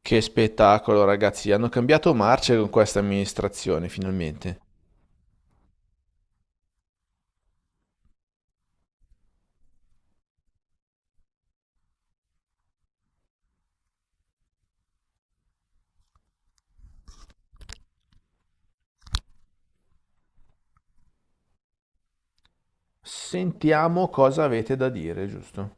Che spettacolo, ragazzi! Hanno cambiato marcia con questa amministrazione, finalmente. Sentiamo cosa avete da dire, giusto?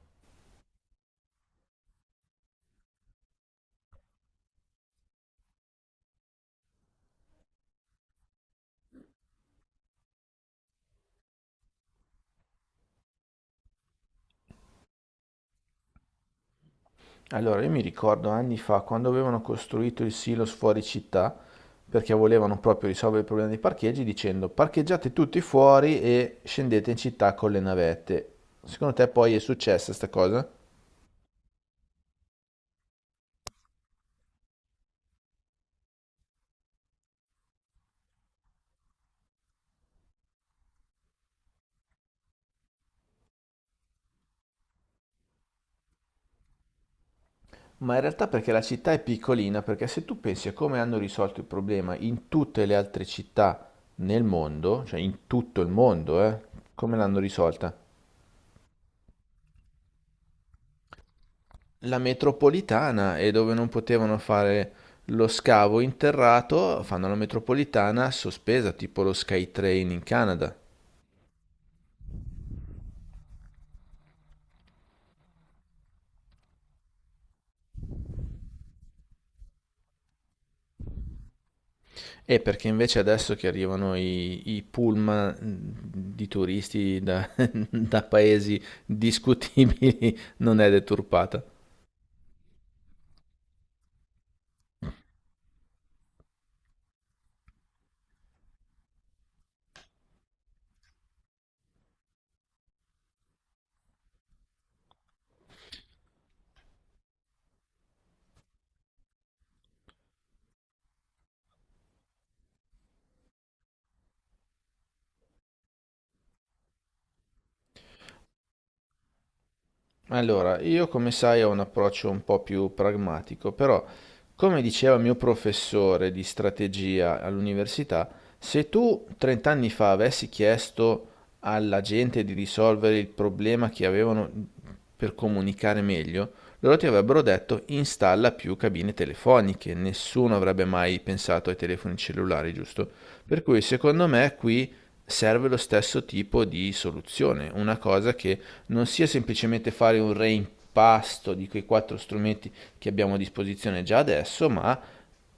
Allora, io mi ricordo anni fa, quando avevano costruito il silos fuori città, perché volevano proprio risolvere il problema dei parcheggi, dicendo parcheggiate tutti fuori e scendete in città con le navette. Secondo te poi è successa sta cosa? Ma in realtà perché la città è piccolina, perché se tu pensi a come hanno risolto il problema in tutte le altre città nel mondo, cioè in tutto il mondo, come l'hanno risolta? La metropolitana e dove non potevano fare lo scavo interrato, fanno la metropolitana sospesa, tipo lo SkyTrain in Canada. E perché invece adesso che arrivano i pullman di turisti da, da paesi discutibili non è deturpata. Allora, io come sai ho un approccio un po' più pragmatico, però come diceva il mio professore di strategia all'università, se tu 30 anni fa avessi chiesto alla gente di risolvere il problema che avevano per comunicare meglio, loro ti avrebbero detto installa più cabine telefoniche, nessuno avrebbe mai pensato ai telefoni cellulari, giusto? Per cui secondo me qui serve lo stesso tipo di soluzione, una cosa che non sia semplicemente fare un reimpasto di quei quattro strumenti che abbiamo a disposizione già adesso, ma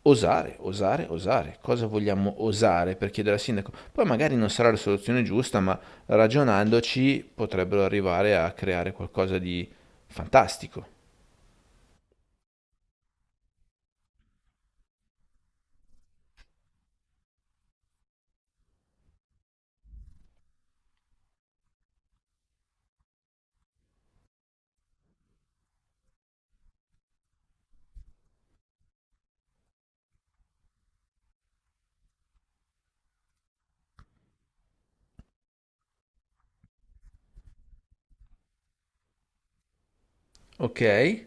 osare, osare, osare. Cosa vogliamo osare per chiedere al sindaco? Poi magari non sarà la soluzione giusta, ma ragionandoci potrebbero arrivare a creare qualcosa di fantastico. Ok?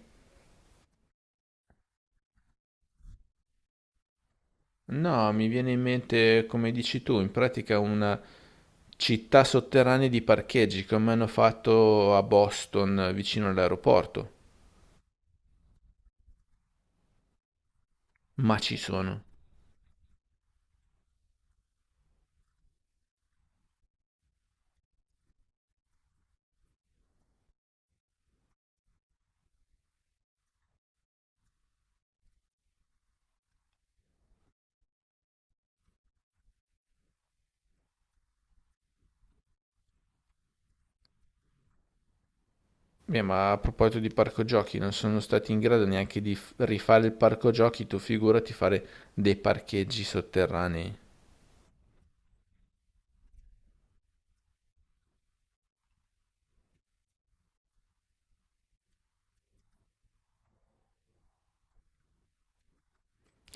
No, mi viene in mente, come dici tu, in pratica una città sotterranea di parcheggi come hanno fatto a Boston vicino all'aeroporto. Ma ci sono. Beh, ma a proposito di parco giochi, non sono stati in grado neanche di rifare il parco giochi, tu figurati fare dei parcheggi sotterranei.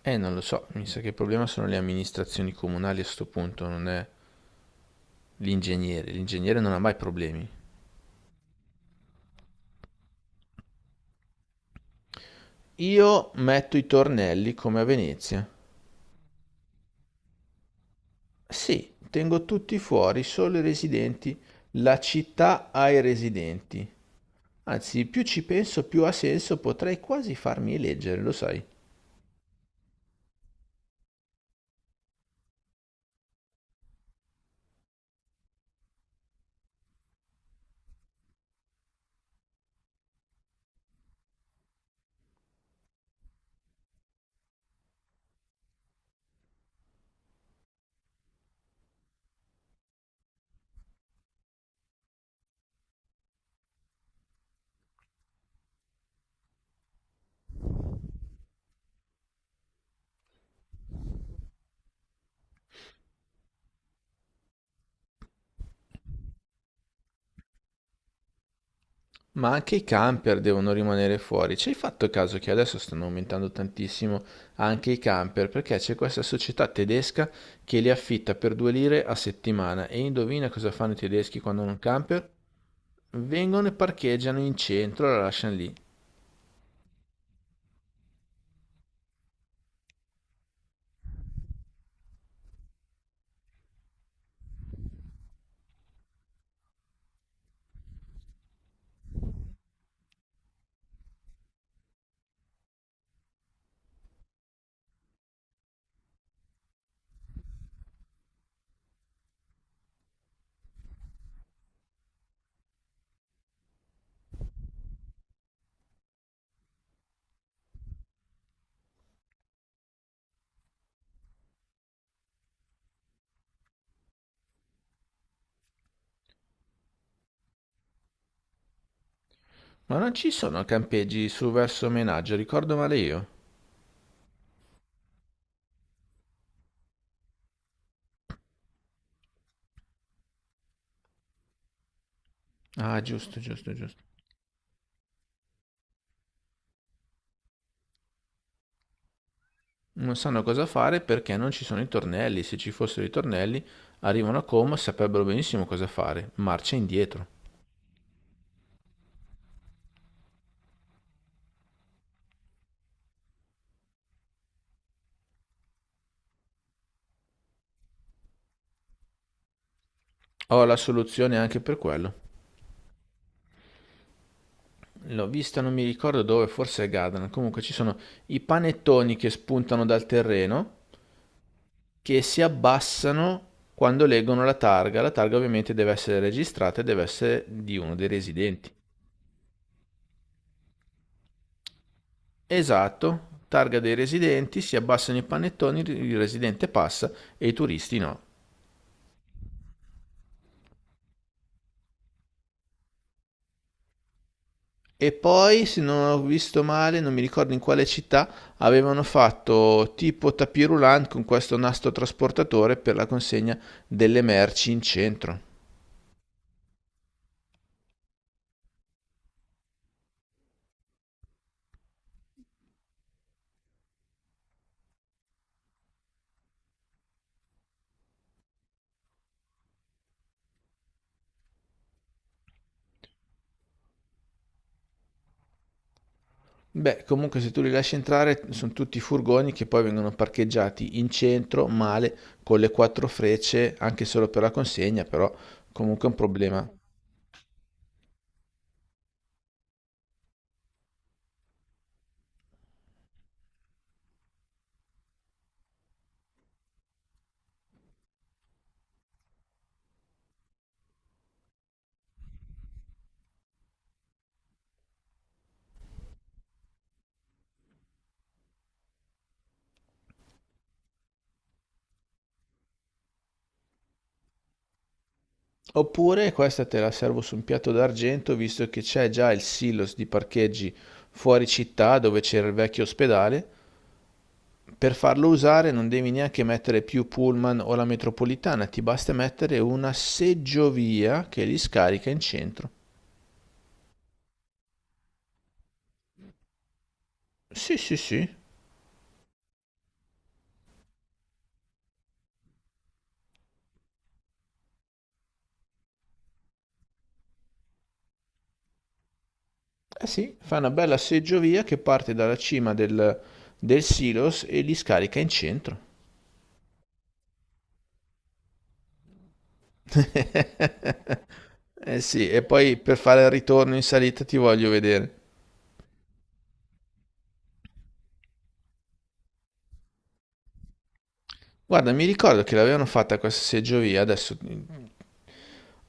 Non lo so, mi sa che il problema sono le amministrazioni comunali a sto punto, non è l'ingegnere. L'ingegnere non ha mai problemi. Io metto i tornelli come a Venezia. Sì, tengo tutti fuori, solo i residenti. La città ha i residenti. Anzi, più ci penso, più ha senso, potrei quasi farmi eleggere, lo sai. Ma anche i camper devono rimanere fuori. Ci hai fatto caso che adesso stanno aumentando tantissimo anche i camper? Perché c'è questa società tedesca che li affitta per due lire a settimana. E indovina cosa fanno i tedeschi quando hanno un camper? Vengono e parcheggiano in centro e la lasciano lì. Ma non ci sono campeggi su verso Menaggio, ricordo male io. Ah, giusto, giusto, giusto. Non sanno cosa fare perché non ci sono i tornelli. Se ci fossero i tornelli, arrivano a Como e saprebbero benissimo cosa fare. Marcia indietro. Ho la soluzione anche per quello. L'ho vista, non mi ricordo dove, forse a Gadran. Comunque ci sono i panettoni che spuntano dal terreno, che si abbassano quando leggono la targa. La targa ovviamente deve essere registrata e deve essere di uno dei residenti. Esatto, targa dei residenti, si abbassano i panettoni, il residente passa e i turisti no. E poi, se non ho visto male, non mi ricordo in quale città, avevano fatto tipo tapis roulant con questo nastro trasportatore per la consegna delle merci in centro. Beh, comunque se tu li lasci entrare sono tutti furgoni che poi vengono parcheggiati in centro, male, con le quattro frecce, anche solo per la consegna, però comunque è un problema. Oppure questa te la servo su un piatto d'argento, visto che c'è già il silos di parcheggi fuori città dove c'era il vecchio ospedale. Per farlo usare non devi neanche mettere più pullman o la metropolitana, ti basta mettere una seggiovia che li scarica in centro. Sì, sì, sì. Eh sì, fa una bella seggiovia che parte dalla cima del, del silos e li scarica in centro. Eh sì, e poi per fare il ritorno in salita ti voglio vedere. Guarda, mi ricordo che l'avevano fatta questa seggiovia, adesso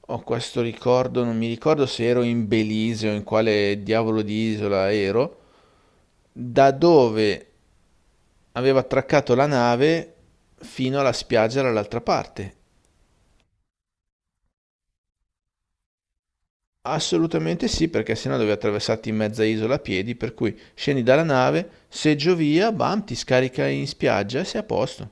ho questo ricordo, non mi ricordo se ero in Belize o in quale diavolo di isola ero, da dove aveva attraccato la nave fino alla spiaggia dall'altra parte. Assolutamente sì, perché sennò dovevi attraversarti in mezza isola a piedi, per cui scendi dalla nave, seggio via, bam, ti scarica in spiaggia e sei a posto.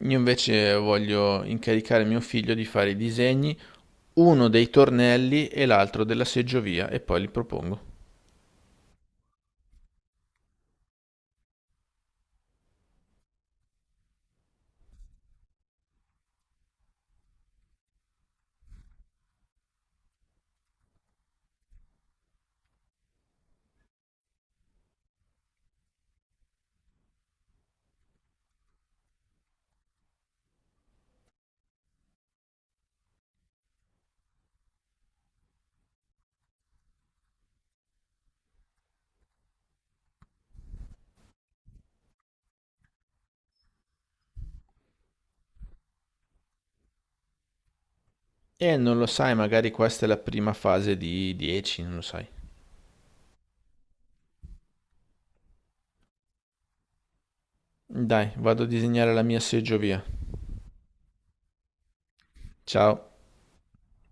Io invece voglio incaricare mio figlio di fare i disegni, uno dei tornelli e l'altro della seggiovia, e poi li propongo. E non lo sai, magari questa è la prima fase di 10, non lo sai. Dai, vado a disegnare la mia seggiovia. Ciao.